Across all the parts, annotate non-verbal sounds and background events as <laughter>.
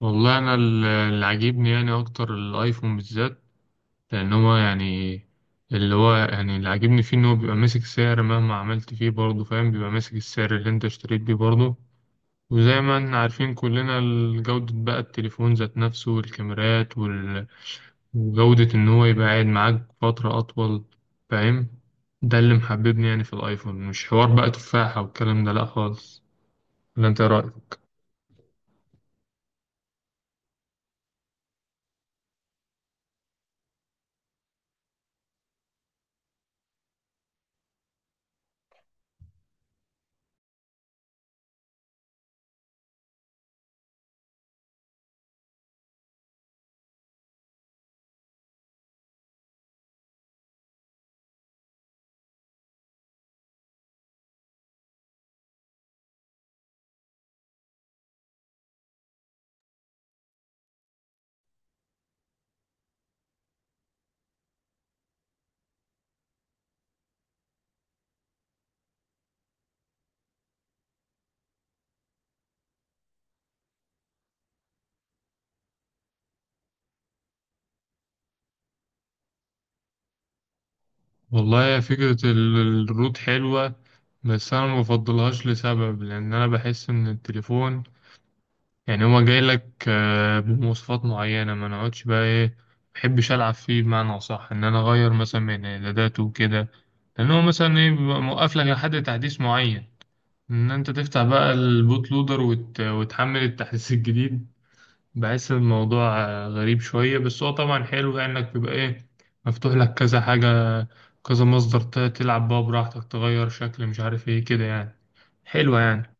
والله انا اللي عاجبني يعني اكتر الايفون بالذات. لان هو يعني اللي عاجبني فيه ان هو بيبقى ماسك سعر مهما عملت فيه، برضه فاهم، بيبقى ماسك السعر اللي انت اشتريت بيه برضه. وزي ما احنا عارفين كلنا جودة بقى التليفون ذات نفسه والكاميرات وجودة ان هو يبقى قاعد معاك فترة اطول، فاهم. ده اللي محببني يعني في الايفون، مش حوار بقى تفاحة والكلام ده لا خالص. ولا انت إيه رأيك؟ والله يا فكرة الروت حلوة، بس أنا ما بفضلهاش لسبب، لأن أنا بحس إن التليفون يعني هو جاي لك بمواصفات معينة، ما نقعدش بقى إيه، ما بحبش ألعب فيه بمعنى أصح، إن أنا أغير مثلا من إعداداته وكده. لأن هو مثلا إيه بيبقى موقف لك لحد تحديث معين، إن أنت تفتح بقى البوت لودر وتحمل التحديث <laughs> الجديد. بحس الموضوع غريب شوية، بس هو طبعا حلو يعني انك بيبقى ايه مفتوح لك كذا حاجة، كذا مصدر، تلعب بقى براحتك، تغير شكل، مش عارف ايه كده يعني. حلوة يعني.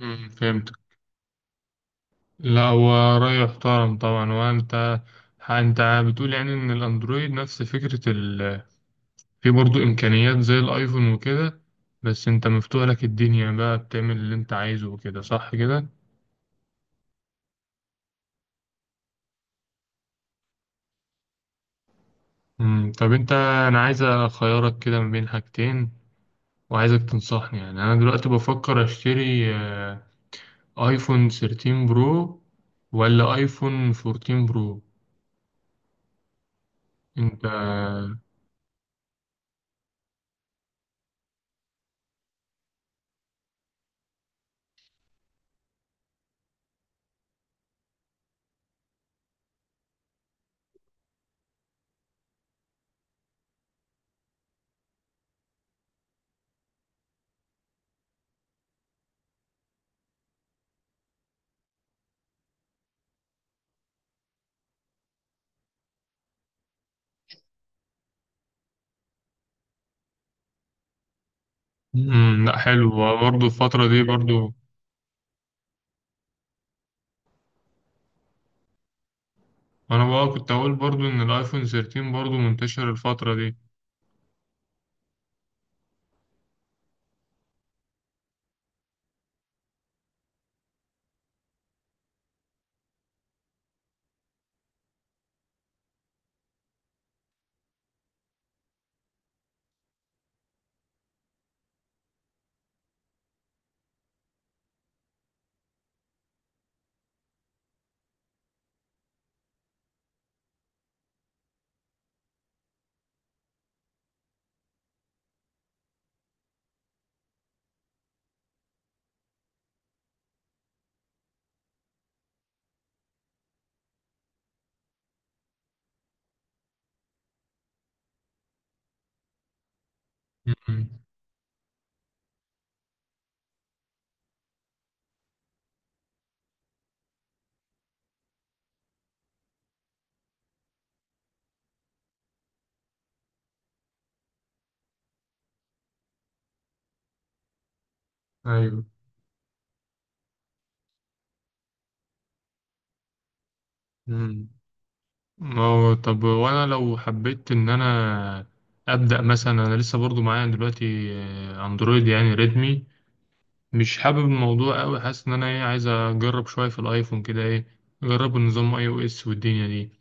امم، فهمت. لا هو رأي محترم طبعا. وانت، انت بتقول يعني ان الاندرويد نفس فكرة ال، في برضو امكانيات زي الايفون وكده، بس انت مفتوح لك الدنيا بقى، بتعمل اللي انت عايزه وكده، صح كده؟ امم، طب انت، انا عايز اخيرك كده ما بين حاجتين، وعايزك تنصحني. يعني انا دلوقتي بفكر اشتري ايفون 13 برو ولا ايفون 14 برو؟ انت. مم، لا حلو. برضه الفترة دي برضه، انا بقى كنت اقول برضه ان الايفون 13 برضه منتشر الفترة دي. مم. ايوه. مم. أو طب، وانا لو حبيت ان انا ابدا مثلا، انا لسه برضه معايا دلوقتي اندرويد يعني ريدمي، مش حابب الموضوع قوي، حاسس ان انا ايه عايز اجرب شويه في الايفون كده، ايه اجرب النظام اي او اس والدنيا دي.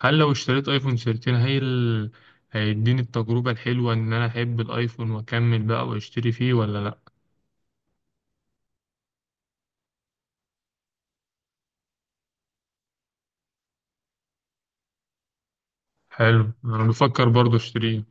هل لو اشتريت ايفون 13، هيديني التجربه الحلوه ان انا احب الايفون واكمل بقى واشتري فيه، ولا لا؟ حلو انا بفكر برضه اشتريه.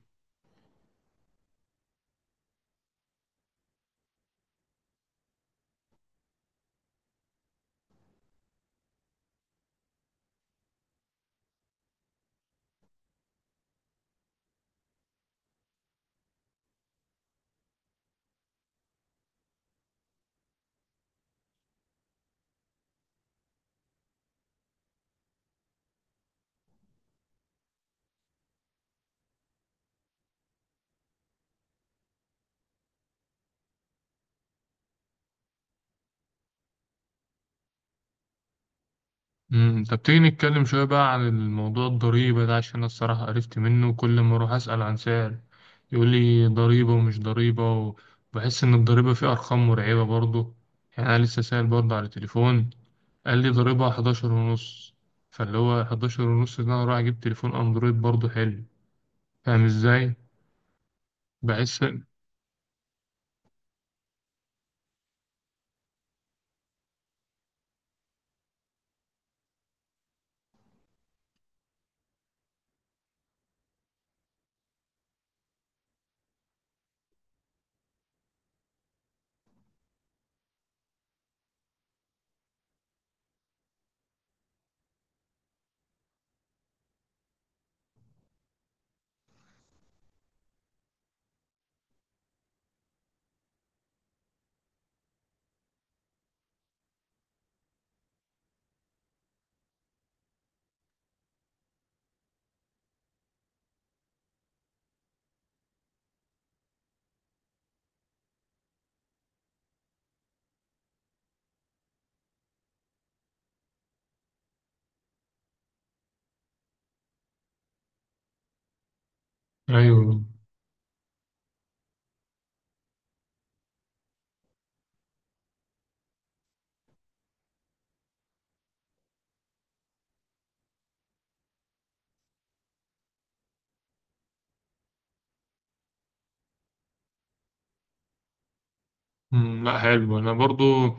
امم، طب تيجي نتكلم شويه بقى عن الموضوع الضريبه ده، عشان انا الصراحه عرفت منه. كل ما اروح اسال عن سعر يقول لي ضريبه ومش ضريبه، وبحس ان الضريبه فيه ارقام مرعبه برضه. يعني انا لسه سائل برضه على التليفون، قال لي ضريبها 11 ونص. فاللي هو 11 ونص ده انا رايح اجيب تليفون اندرويد برضه حلو، فاهم ازاي؟ بحس. ايوه. أمم، لا حلو. انا برضه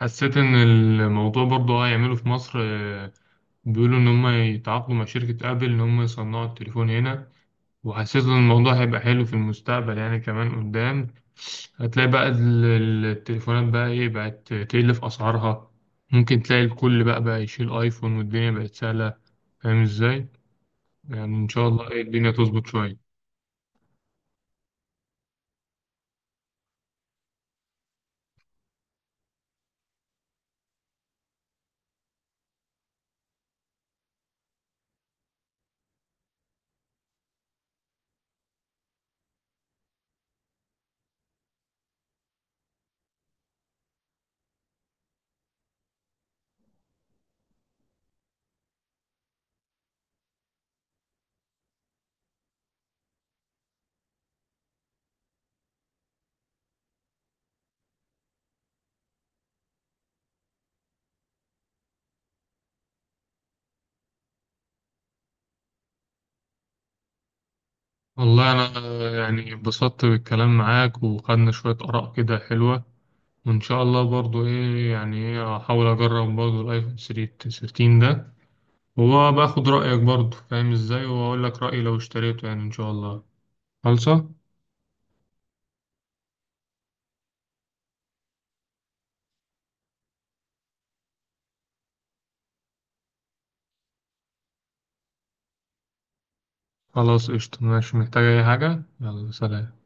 حسيت ان الموضوع برضه هيعمله في مصر، بيقولوا ان هم يتعاقدوا مع شركة ابل ان هم يصنعوا التليفون هنا. وحسيت ان الموضوع هيبقى حلو في المستقبل يعني، كمان قدام هتلاقي بقى التليفونات بقى ايه بقت تقل في اسعارها. ممكن تلاقي الكل بقى يشيل ايفون والدنيا بقت سهلة، فاهم ازاي؟ يعني إن شاء الله إيه الدنيا تظبط شوية. والله أنا يعني اتبسطت بالكلام معاك وخدنا شوية آراء كده حلوة. وإن شاء الله برضو إيه يعني إيه أحاول أجرب برضو الآيفون 13 ده، وباخد رأيك برضو فاهم إزاي، وأقول لك رأيي لو اشتريته يعني، إن شاء الله. خلصة. خلاص قشطة ماشي، محتاج أي حاجة؟ يلا سلام.